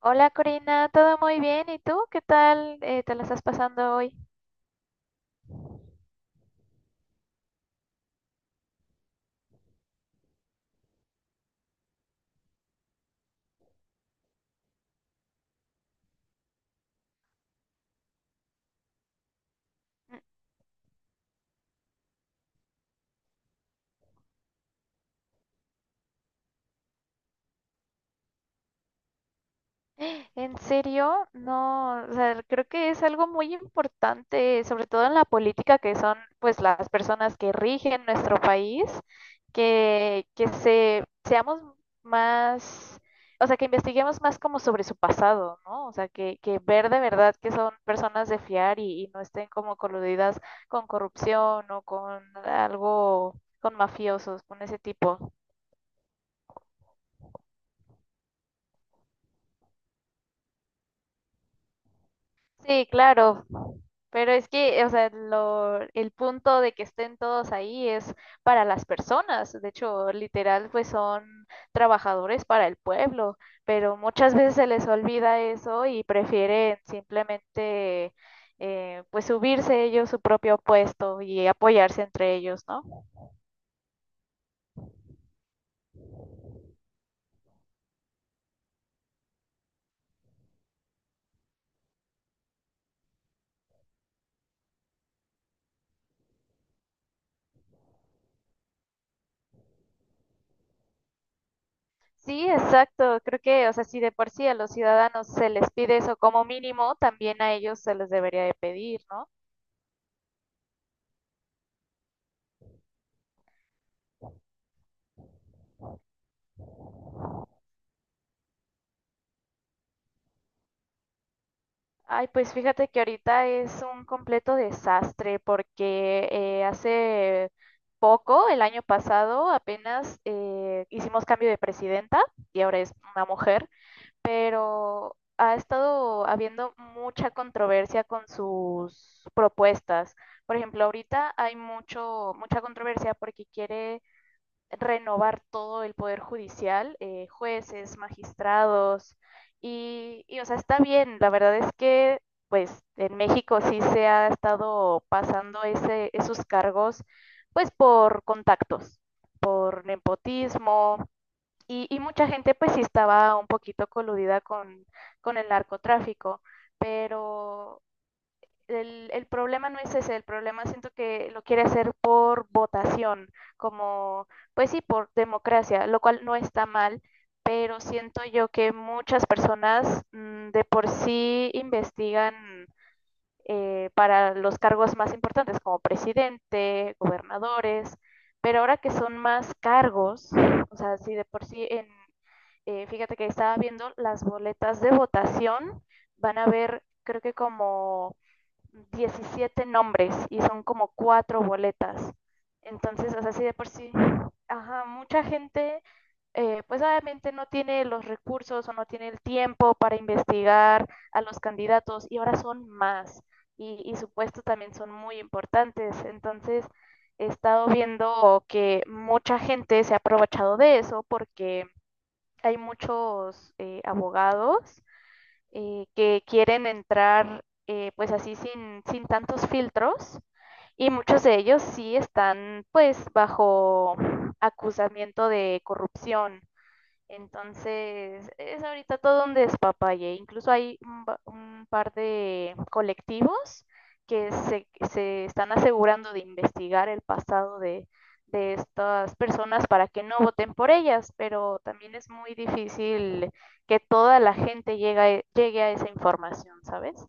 Hola, Corina, ¿todo muy bien? ¿Y tú? ¿Qué tal te la estás pasando hoy? Mm. En serio, no, o sea, creo que es algo muy importante, sobre todo en la política, que son pues las personas que rigen nuestro país, que seamos más, o sea, que investiguemos más como sobre su pasado, ¿no? O sea, que ver de verdad que son personas de fiar y no estén como coludidas con corrupción o con algo, con mafiosos, con ese tipo. Sí, claro. Pero es que, o sea, el punto de que estén todos ahí es para las personas. De hecho, literal, pues son trabajadores para el pueblo, pero muchas veces se les olvida eso y prefieren simplemente, pues, subirse ellos su propio puesto y apoyarse entre ellos, ¿no? Sí, exacto. Creo que, o sea, si de por sí a los ciudadanos se les pide eso como mínimo, también a ellos se les debería de pedir, ¿no? Ay, pues fíjate que ahorita es un completo desastre porque hace poco, el año pasado, apenas hicimos cambio de presidenta y ahora es una mujer, pero ha estado habiendo mucha controversia con sus propuestas. Por ejemplo, ahorita hay mucha controversia porque quiere renovar todo el poder judicial, jueces, magistrados, y o sea, está bien, la verdad es que, pues, en México sí se ha estado pasando esos cargos, pues, por contactos, por nepotismo, y mucha gente, pues, sí estaba un poquito coludida con el narcotráfico, pero el problema no es ese, el problema siento que lo quiere hacer por votación, como, pues sí, por democracia, lo cual no está mal, pero siento yo que muchas personas de por sí investigan para los cargos más importantes, como presidente, gobernadores, pero ahora que son más cargos, o sea, si de por sí en, fíjate que estaba viendo las boletas de votación, van a ver, creo que como 17 nombres y son como cuatro boletas. Entonces, o sea, así de por sí, ajá, mucha gente, pues obviamente no tiene los recursos o no tiene el tiempo para investigar a los candidatos y ahora son más y su puesto también son muy importantes. Entonces, he estado viendo que mucha gente se ha aprovechado de eso porque hay muchos abogados que quieren entrar pues así sin tantos filtros y muchos de ellos sí están pues bajo acusamiento de corrupción entonces, es ahorita todo un despapalle. Incluso hay un par de colectivos que se están asegurando de investigar el pasado de estas personas para que no voten por ellas, pero también es muy difícil que toda la gente llegue, llegue a esa información, ¿sabes?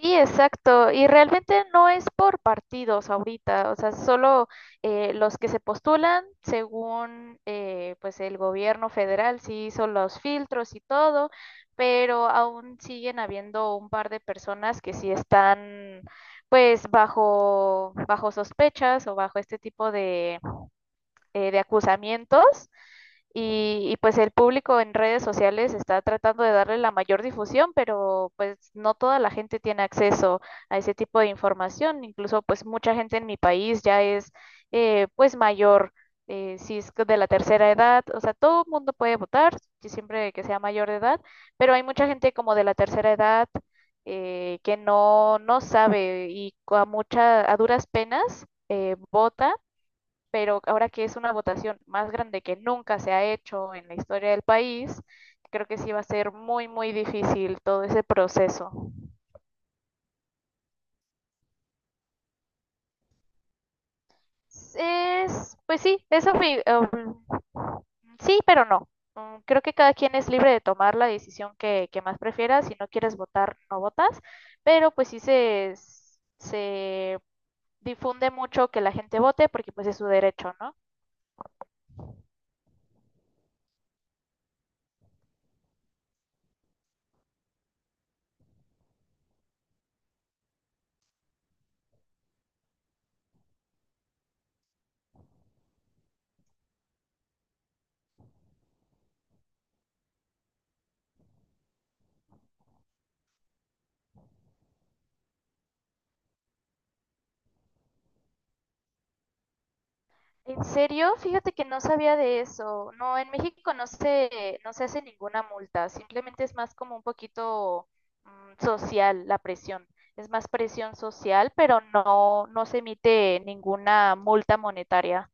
Sí, exacto. Y realmente no es por partidos ahorita, o sea, solo los que se postulan según pues el gobierno federal sí hizo los filtros y todo, pero aún siguen habiendo un par de personas que sí están pues bajo sospechas o bajo este tipo de acusamientos y pues el público en redes sociales está tratando de darle la mayor difusión, pero pues no toda la gente tiene acceso a ese tipo de información, incluso pues mucha gente en mi país ya es pues mayor. Si es de la tercera edad, o sea, todo el mundo puede votar, siempre que sea mayor de edad, pero hay mucha gente como de la tercera edad que no, no sabe y a duras penas vota, pero ahora que es una votación más grande que nunca se ha hecho en la historia del país, creo que sí va a ser muy, muy difícil todo ese proceso. Es, pues sí, eso fue, sí, pero no. Creo que cada quien es libre de tomar la decisión que más prefiera. Si no quieres votar, no votas. Pero pues sí se, se difunde mucho que la gente vote porque pues es su derecho, ¿no? ¿En serio? Fíjate que no sabía de eso. No, en México no se hace ninguna multa, simplemente es más como un poquito social la presión. Es más presión social, pero no, no se emite ninguna multa monetaria.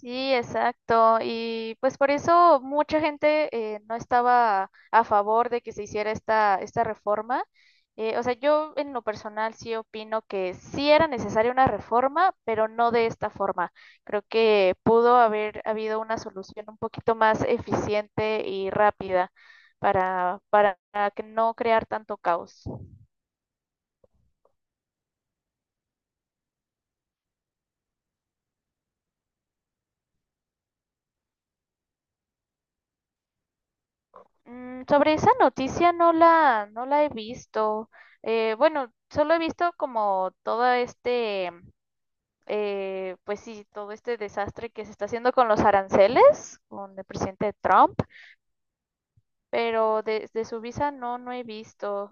Sí, exacto. Y pues por eso mucha gente no estaba a favor de que se hiciera esta reforma. O sea, yo en lo personal sí opino que sí era necesaria una reforma, pero no de esta forma. Creo que pudo haber habido una solución un poquito más eficiente y rápida para que no crear tanto caos. Sobre esa noticia no la he visto. Bueno, solo he visto como todo este, pues sí, todo este desastre que se está haciendo con los aranceles, con el presidente Trump, pero de su visa no, no he visto.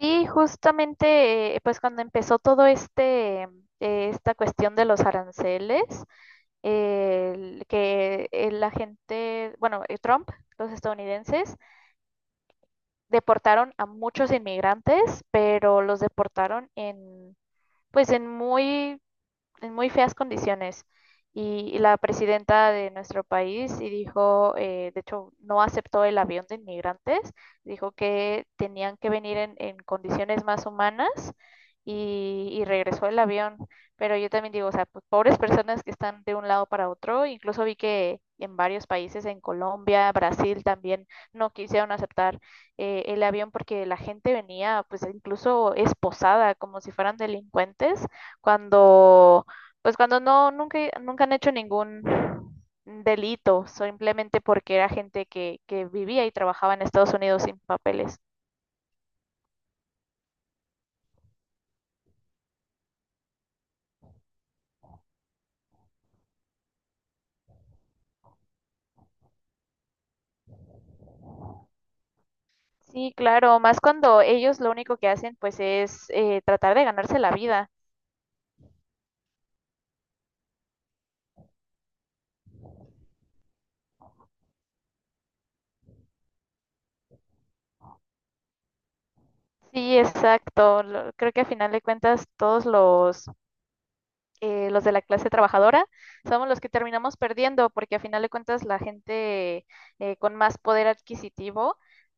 Sí, justamente, pues cuando empezó todo este, esta cuestión de los aranceles, el que la gente, bueno, Trump, los estadounidenses, deportaron a muchos inmigrantes, pero los deportaron en, pues en muy feas condiciones. Y la presidenta de nuestro país y dijo, de hecho, no aceptó el avión de inmigrantes, dijo que tenían que venir en condiciones más humanas y regresó el avión. Pero yo también digo, o sea, pues, pobres personas que están de un lado para otro, incluso vi que en varios países, en Colombia, Brasil también, no quisieron aceptar el avión porque la gente venía pues incluso esposada, como si fueran delincuentes, cuando pues cuando no, nunca, nunca han hecho ningún delito, simplemente porque era gente que vivía y trabajaba en Estados Unidos sin papeles. Sí, claro, más cuando ellos lo único que hacen pues es tratar de ganarse la vida. Sí, exacto. Creo que a final de cuentas todos los de la clase trabajadora somos los que terminamos perdiendo porque a final de cuentas la gente con más poder adquisitivo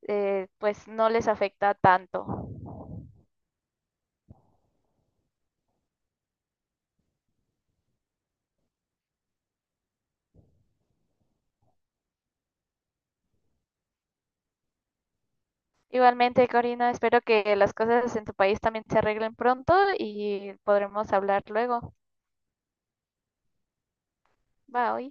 pues no les afecta tanto. Igualmente, Corina, espero que las cosas en tu país también se arreglen pronto y podremos hablar luego. Bye.